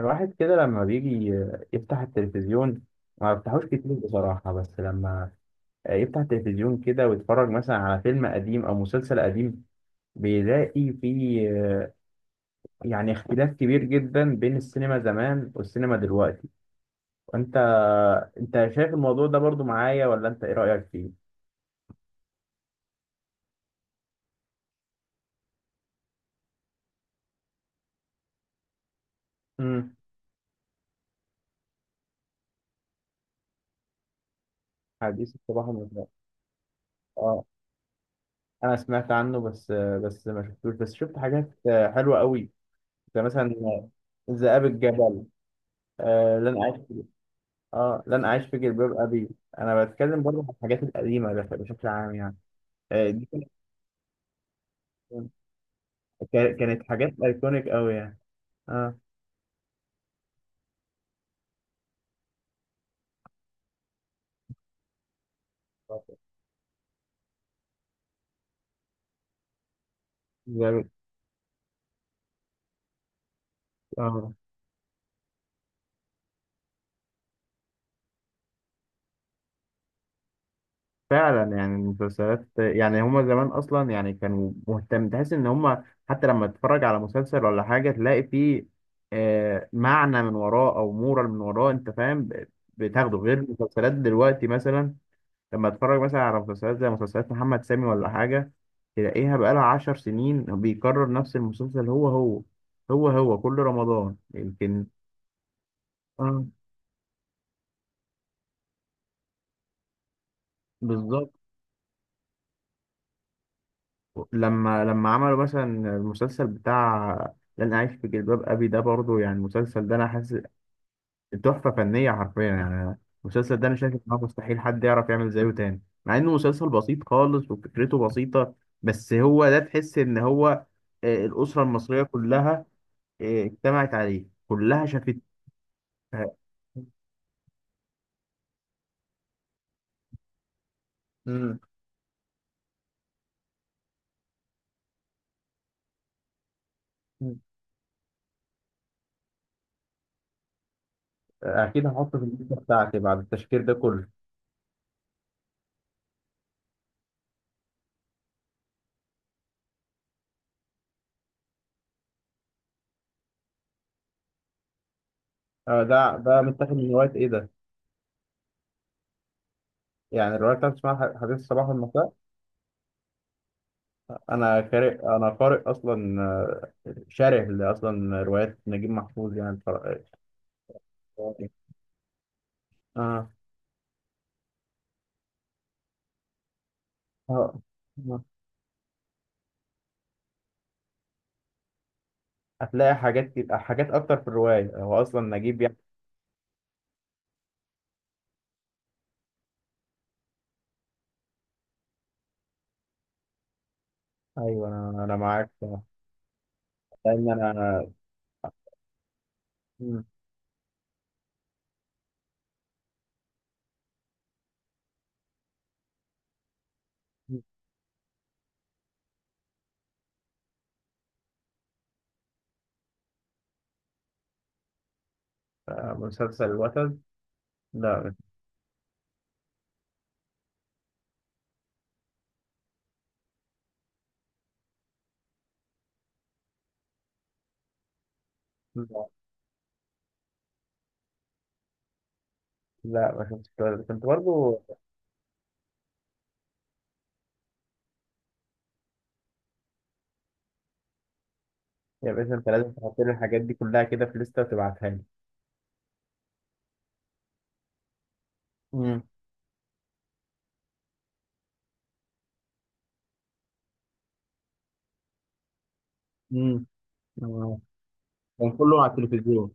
الواحد كده لما بيجي يفتح التلفزيون، ما بفتحوش كتير بصراحة. بس لما يفتح التلفزيون كده ويتفرج مثلا على فيلم قديم أو مسلسل قديم، بيلاقي فيه يعني اختلاف كبير جدا بين السينما زمان والسينما دلوقتي. وانت شايف الموضوع ده برضو معايا ولا انت ايه رأيك فيه؟ امم حديث الصباح والمساء. اه، انا سمعت عنه، بس ما شفتوش. بس شفت حاجات حلوة قوي، زي مثلا ذئاب الجبل. آه، لن أعيش في اه لن اعيش في جلباب ابي. انا بتكلم برضه عن الحاجات القديمه بشكل عام يعني. دي كانت، كانت حاجات ايكونيك قوي يعني. اه، جامد. اه، فعلا يعني المسلسلات، يعني هما زمان اصلا يعني كانوا مهتم، تحس ان هما حتى لما تتفرج على مسلسل ولا حاجه تلاقي فيه معنى من وراه او مورال من وراه، انت فاهم، بتاخده غير المسلسلات دلوقتي. مثلا لما اتفرج مثلا على مسلسلات زي مسلسلات محمد سامي ولا حاجة، تلاقيها بقالها 10 سنين بيكرر نفس المسلسل هو هو، هو هو كل رمضان يمكن. اه، بالظبط. لما عملوا مثلا المسلسل بتاع لن أعيش في جلباب أبي، ده برضه يعني المسلسل ده أنا حاسس تحفة فنية حرفيا يعني. المسلسل ده أنا شايف إن هو مستحيل حد يعرف يعمل زيه تاني، مع إنه مسلسل بسيط خالص وفكرته بسيطة. بس هو ده، تحس إن هو الأسرة المصرية كلها اجتمعت عليه كلها شافته. آه. مم. مم. اكيد هحطه في الليسته بتاعتي بعد التشكيل ده كله. آه، ده متاخد من روايه ايه ده؟ يعني الروايه بتاعتي اسمها حديث الصباح والمساء. انا قارئ اصلا، آه، شارح لاصلا روايات نجيب محفوظ يعني اه، اه. آه. هتلاقي حاجات حاجات اكتر في الروايه، هو اصلا نجيب يعني. ايوه، انا معاك، لان انا. مم. آه، مسلسل الوتد؟ لا. لا، ما شفتش الولد ده. كنت برضو. يا باشا، انت لازم تحط لي الحاجات دي كلها كده في لستة وتبعتها لي. امم. امم. آه. كان كله على التلفزيون.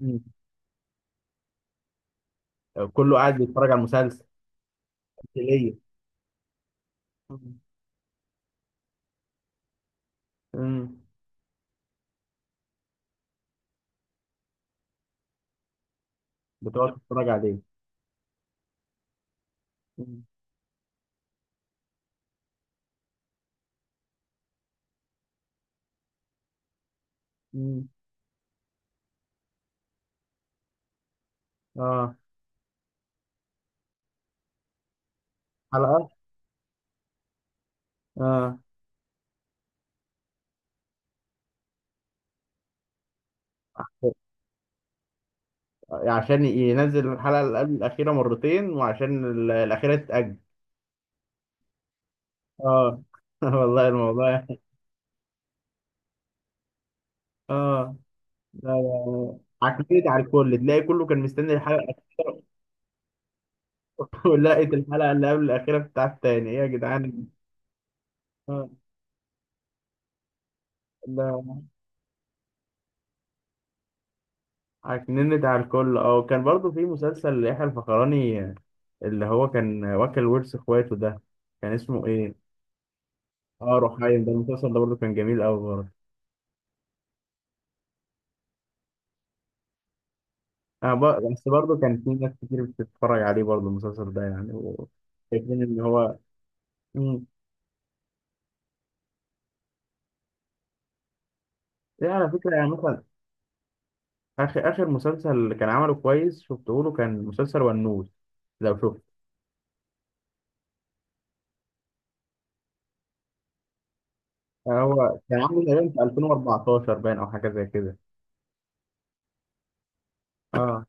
امم. كله قاعد بيتفرج على المسلسل. ليه. امم. بتقعد تتفرج عليه. امم. اه. حلقة. اه، عشان ينزل الحلقة اللي قبل الأخيرة مرتين، وعشان ال- الأخيرة تتأجل. اه. والله الموضوع. اه. لا، لا، عكيت على الكل، تلاقي كله كان مستني الحلقة. ولقيت الحلقة اللي قبل الأخيرة بتاعت تاني إيه يا جدعان؟ آه. لا، عكننت على الكل. أه، وكان برضو في مسلسل يحيى الفخراني، آه، اللي هو كان واكل ورث إخواته ده، كان اسمه إيه؟ أه، روحايم. ده المسلسل ده برضو كان جميل أوي برضه. أنا بس برضو كان في ناس كتير بتتفرج عليه برضو المسلسل ده يعني شايفين إن هو. مم. يعني على فكرة يعني مثلا آخر آخر مسلسل كان عمله كويس، شفته له، كان مسلسل ونوس. لو شفته. هو كان عامل تقريبا في 2014 باين، او حاجه زي كده. اه.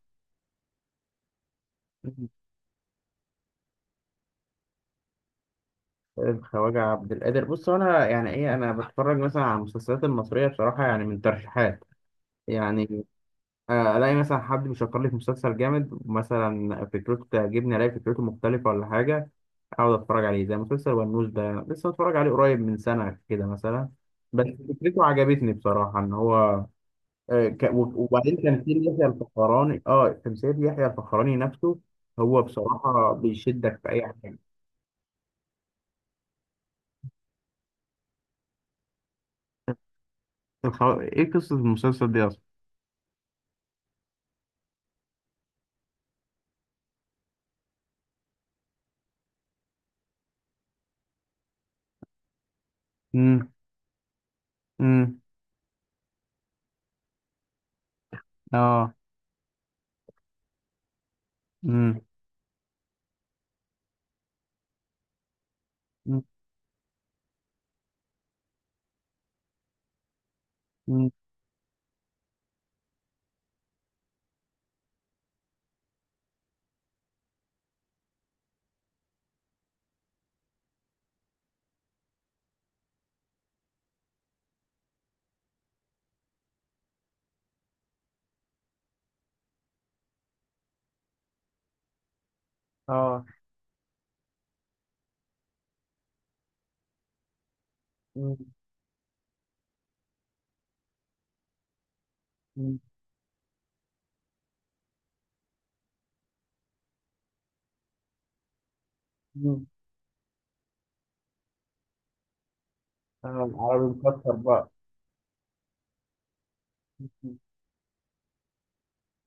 مم. الخواجة عبد القادر. بص، هو انا يعني ايه، انا بتفرج مثلا على المسلسلات المصريه بصراحه يعني من ترشيحات يعني. الاقي مثلا حد بيشكر لي في مسلسل جامد مثلا، فكرته تعجبني، الاقي فكرته مختلفه ولا حاجه، اقعد اتفرج عليه. زي مسلسل ونوس ده لسه متفرج عليه قريب من سنه كده مثلا. بس فكرته عجبتني بصراحه، ان هو آه، وبعدين تمثيل يحيى الفخراني. اه، تمثيل يحيى الفخراني نفسه هو بصراحة بيشدك في أي حاجة. إيه قصة المسلسل دي أصلا؟ امم. امم. اه. امم. امم. أمم. اه. امم. أمم. أمم. اه، العربي مكسر بقى.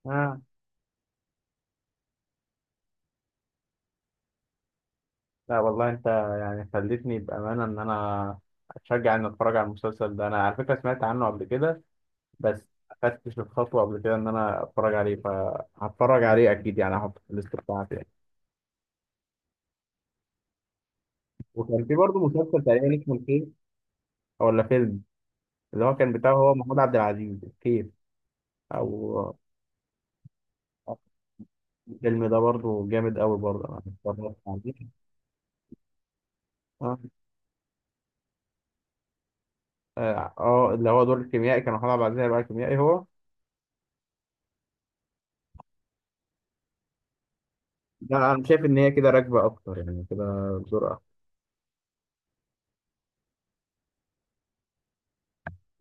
اه. لا والله، أنت يعني خلتني بأمانة إن أنا أتشجع إني أتفرج على المسلسل ده. أنا على فكرة سمعت عنه قبل كده، بس ما خدتش الخطوة قبل كده إن أنا أتفرج عليه. فهتفرج عليه أكيد يعني، هحطه في الليست بتاعتي. وكان في برضه مسلسل تقريبا اسمه الكيف، ولا فيلم، اللي هو كان بتاعه هو محمود عبد العزيز، الكيف. او الفيلم ده برضه جامد قوي برضه، انا اتفرجت عليه. اه. اه. آه، اللي هو دور الكيميائي كان محمود عبد العزيز هيبقى كيميائي هو. لا، انا شايف ان هي كده راكبه اكتر يعني كده، بسرعه.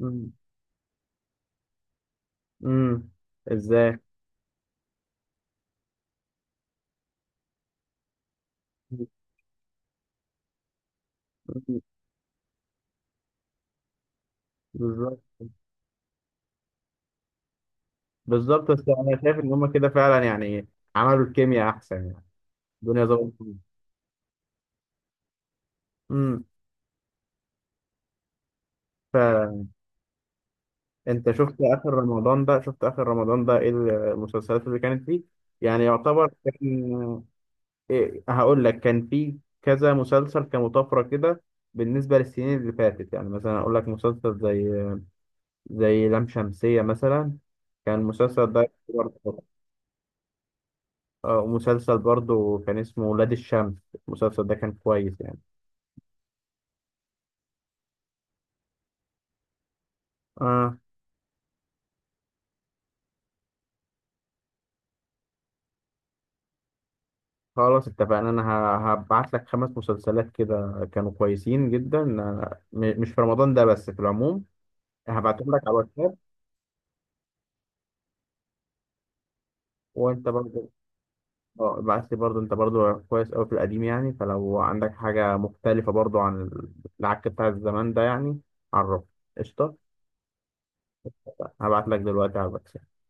امم. أمم. ازاي؟ أمم. بالظبط. بالظبط، بس انا شايف ان هم كده فعلا يعني عملوا الكيمياء احسن يعني، الدنيا ظبطت. انت شفت اخر رمضان ده؟ شفت اخر رمضان ده ايه المسلسلات اللي كانت فيه؟ يعني يعتبر كان، إيه هقول لك، كان فيه كذا مسلسل كمطافرة كده بالنسبة للسنين اللي فاتت. يعني مثلا اقول لك مسلسل زي، زي لام شمسية مثلا. كان المسلسل ده برضه. اه. مسلسل برضه كان اسمه ولاد الشمس. المسلسل ده كان كويس يعني. اه. خلاص، اتفقنا. انا هبعت لك 5 مسلسلات كده كانوا كويسين جدا، آه، مش في رمضان ده بس، في العموم. هبعتهم لك على الواتساب. وانت برضو. اه، ابعت لي برضو. انت برضو كويس قوي في القديم يعني، فلو عندك حاجة مختلفة برضو عن العك بتاع الزمان ده يعني، عرفني. قشطة. هبعت لك دلوقتي على الواتساب.